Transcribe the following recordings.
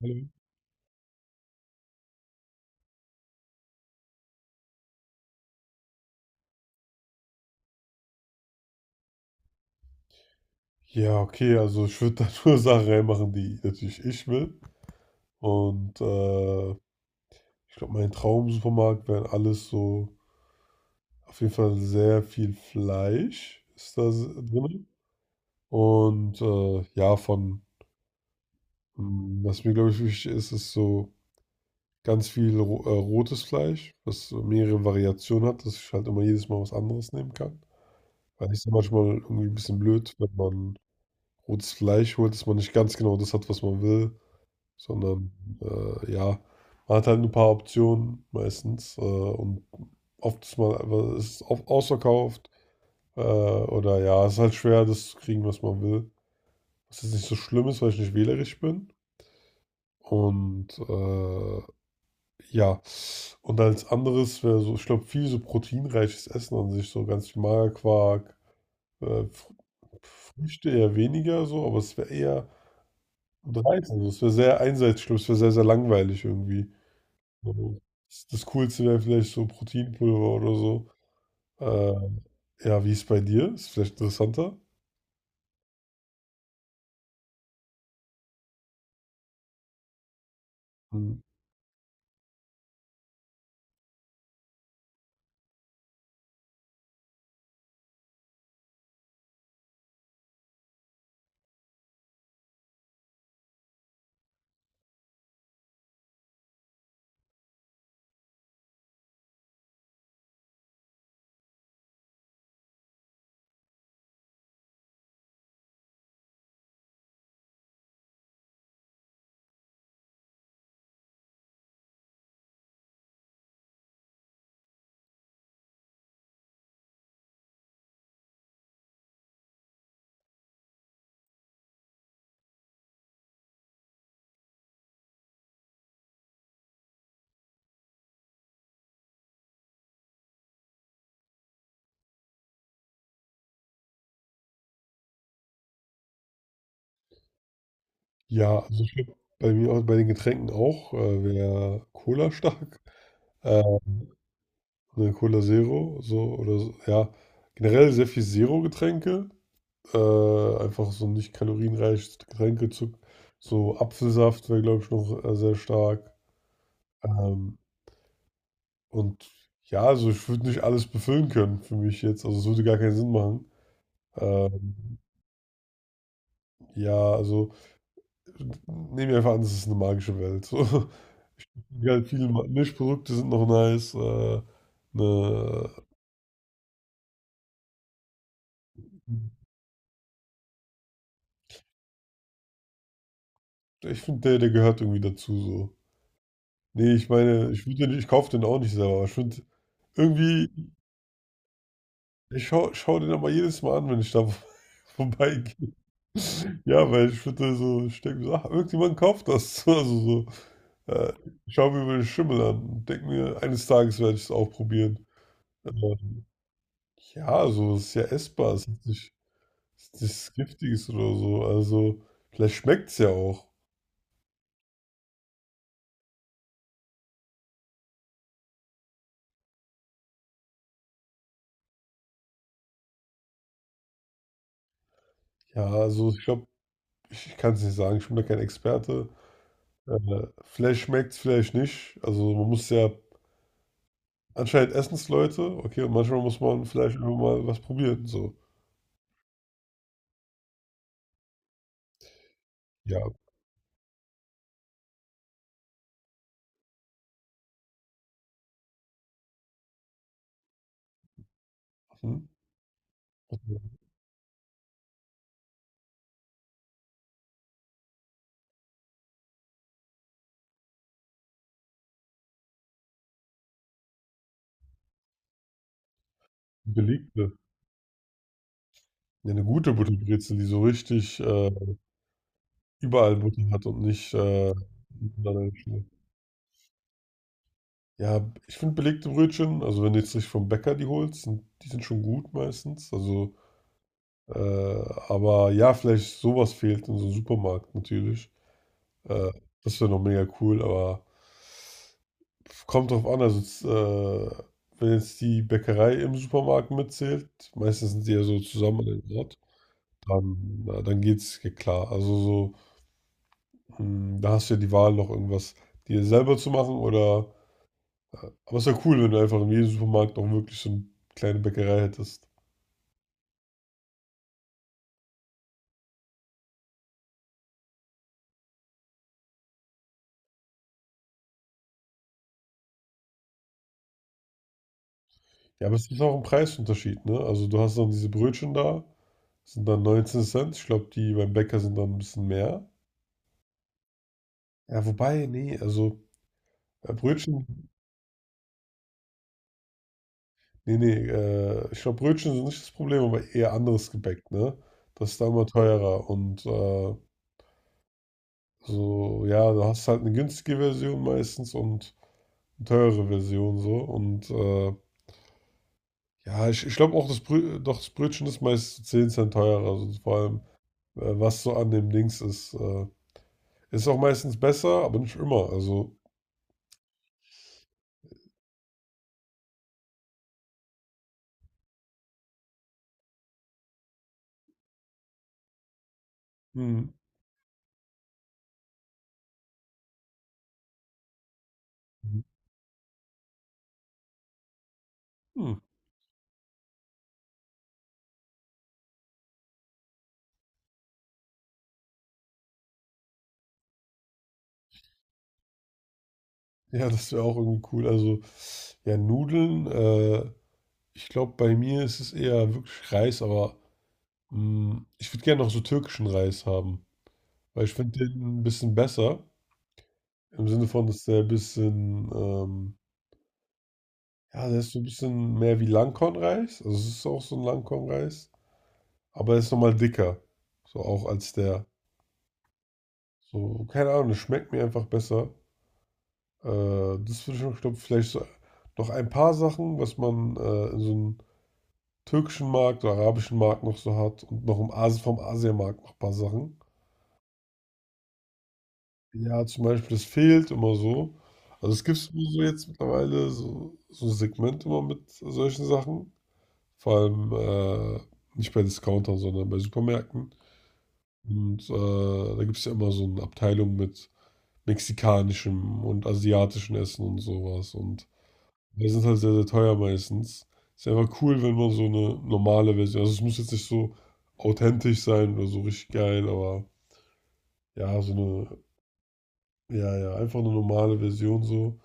Hallo. Ja, okay, also ich würde da nur Sachen reinmachen, die natürlich ich will. Und äh, Ich glaube, mein Traumsupermarkt wären alles so, auf jeden Fall sehr viel Fleisch ist da drin. Und ja, was mir glaube ich wichtig ist, ist so ganz viel ro rotes Fleisch, was so mehrere Variationen hat, dass ich halt immer jedes Mal was anderes nehmen kann. Weil ich es manchmal irgendwie ein bisschen blöd, wenn man rotes Fleisch holt, dass man nicht ganz genau das hat, was man will, sondern ja, man hat halt ein paar Optionen meistens, und oft ist man, aber es ist oft ausverkauft, oder ja, es ist halt schwer, das zu kriegen, was man will. Was jetzt nicht so schlimm ist, weil ich nicht wählerisch bin. Und äh, ja, und als anderes wäre so, ich glaube, viel so proteinreiches Essen an sich, so ganz viel Magerquark, Fr Früchte eher weniger so, aber es wäre eher und Reis, also es wäre sehr einseitig, ich glaube, es wäre sehr, sehr langweilig irgendwie. Mhm. Das Coolste wäre vielleicht so Proteinpulver oder so. Ähm, ja, wie ist es bei dir? Ist vielleicht interessanter. Mhm. Ja, also ich glaube, bei mir auch, bei den Getränken auch, wäre Cola stark. Äh, ne, Cola Zero, so oder so. Ja, generell sehr viel Zero-Getränke. Einfach so nicht kalorienreiches Getränke. So Apfelsaft wäre, glaube ich, noch sehr stark. Ähm, und ja, also ich würde nicht alles befüllen können für mich jetzt. Also es würde gar keinen Sinn machen. Ähm, ja, also nehmen wir einfach an, es ist eine magische Welt. So, ja, viele Mischprodukte sind noch nice. Ne, ich finde, der gehört irgendwie dazu. So. Nee, ich meine, würd den, ich kaufe den auch nicht selber, aber ich finde irgendwie, ich schau den aber jedes Mal an, wenn ich da vorbeigehe. Ja, weil ich würde so, ich denke mir so, ach, irgendjemand kauft das. Also so, äh, ich schaue mir über den Schimmel an und denke mir, eines Tages werde ich es auch probieren. Ähm, Ja, also es ist ja essbar, es ist nichts Giftiges oder so. Also vielleicht schmeckt es ja auch. Ja, also ich glaube, ich kann es nicht sagen, ich bin da kein Experte. Vielleicht schmeckt es, vielleicht nicht. Also anscheinend essen es Leute, okay, und manchmal muss man vielleicht einfach mal was probieren. So, ja, hm. Belegte. Ja, eine gute Butterbrezel, die so richtig überall Butter hat und nicht, ja, ich finde belegte Brötchen, also wenn du jetzt nicht vom Bäcker die holst, die sind schon gut meistens. Also, äh, aber ja, vielleicht sowas fehlt in so einem Supermarkt natürlich. Äh, Das wäre noch mega cool, aber kommt drauf an. Also, wenn jetzt die Bäckerei im Supermarkt mitzählt, meistens sind die ja so zusammen an einem Ort, dann, na, dann geht's ja klar. Also so, mh, da hast du ja die Wahl, noch irgendwas dir selber zu machen, oder aber es ist ja cool, wenn du einfach in jedem Supermarkt auch wirklich so eine kleine Bäckerei hättest. Ja, aber es ist auch ein Preisunterschied, ne? Also du hast dann diese Brötchen da, sind dann 19 Cent. Ich glaube, die beim Bäcker sind dann ein bisschen mehr. Ja, wobei, nee, also äh, Brötchen, ich glaube, Brötchen sind nicht das Problem, aber eher anderes Gebäck, ne? Das ist dann immer teurer und so, ja, du hast halt eine günstige Version meistens und eine teure Version so und ja, ich glaube auch, das, Brö doch, das Brötchen ist meist 10 Cent teurer. Also vor allem, was so an dem Dings ist. Ist auch meistens besser, aber nicht immer. Also, hm. Hm. Ja, das wäre auch irgendwie cool. Also, ja, ich glaube, bei mir ist es eher wirklich Reis, aber hm, ich würde gerne noch so türkischen Reis haben. Weil ich finde den ein bisschen besser. Im Sinne von, dass der ein bisschen, ja, der ist so ein bisschen mehr wie Langkornreis. Also, es ist auch so ein Langkornreis. Aber es ist nochmal dicker. So auch als der. So, keine Ahnung, das schmeckt mir einfach besser. Äh, Das würde ich noch, glaube vielleicht so noch ein paar Sachen, was man in so einem türkischen Markt oder arabischen Markt noch so hat und noch im Asien, vom Asienmarkt noch ein paar Sachen. Ja, zum Beispiel, das fehlt immer so. Also es gibt so jetzt mittlerweile so, so ein Segment immer mit solchen Sachen. Vor allem äh, nicht bei Discountern, sondern bei Supermärkten. Und da gibt es ja immer so eine Abteilung mit mexikanischem und asiatischem Essen und sowas. Und die sind halt sehr, sehr teuer meistens. Ist einfach cool, wenn man so eine normale Version, also es muss jetzt nicht so authentisch sein oder so richtig geil, aber ja, so eine, ja, ja, einfach eine normale Version so.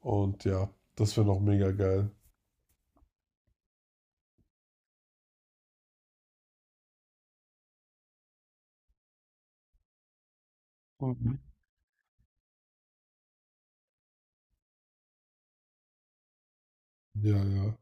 Und ja, das wäre noch mega geil. Mhm. Ja, ja.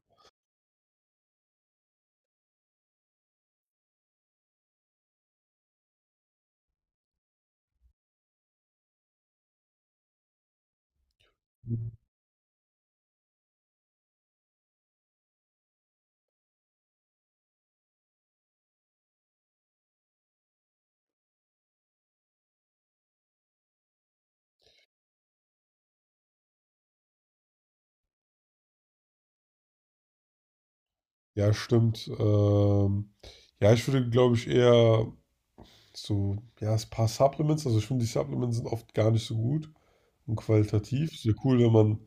Ja, stimmt. Ja, ich würde, glaube ich, eher so, ja, ein paar Supplements. Also ich finde, die Supplements sind oft gar nicht so gut und qualitativ. Sehr cool, wenn man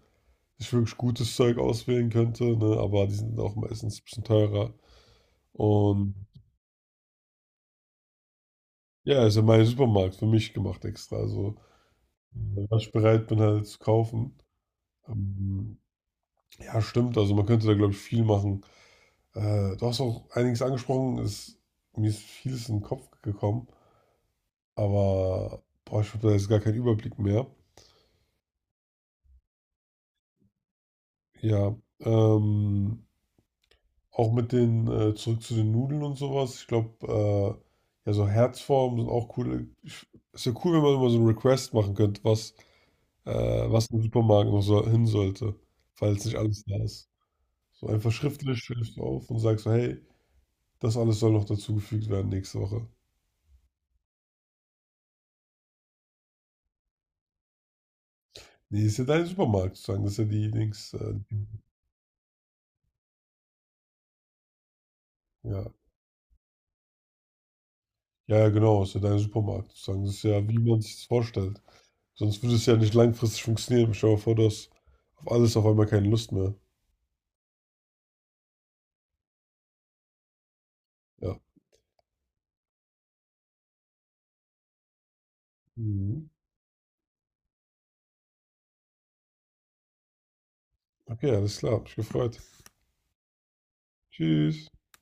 sich wirklich gutes Zeug auswählen könnte, ne? Aber die sind auch meistens ein bisschen teurer. Und ja, ist ja mein Supermarkt für mich gemacht extra. Also, was ich bereit bin, halt zu kaufen. Ähm, ja, stimmt. Also, man könnte da, glaube ich, viel machen. Du hast auch einiges angesprochen. Mir ist vieles in den Kopf gekommen. Aber, boah, ich habe da jetzt gar keinen Überblick mehr. Ja, ähm, auch mit den, zurück zu den Nudeln und sowas. Ich glaube, ja, so Herzformen sind auch cool. Ich, ist ja cool, wenn man immer so einen Request machen könnte, was im Supermarkt noch so hin sollte, falls nicht alles da ist. So einfach schriftlich schreibst du auf und sagst so, hey, das alles soll noch dazugefügt werden nächste Woche. Nee, ist ja dein Supermarkt sozusagen. Das ist ja die Dings. Ja. Ja, ja, genau, ist ja dein Supermarkt sozusagen. Das ist ja, wie man sich das vorstellt. Sonst würde es ja nicht langfristig funktionieren. Stell dir mal vor, du hast auf alles auf einmal keine Lust mehr. Ja. Mhm. Okay, alles klar. Hab mich gefreut. Tschüss.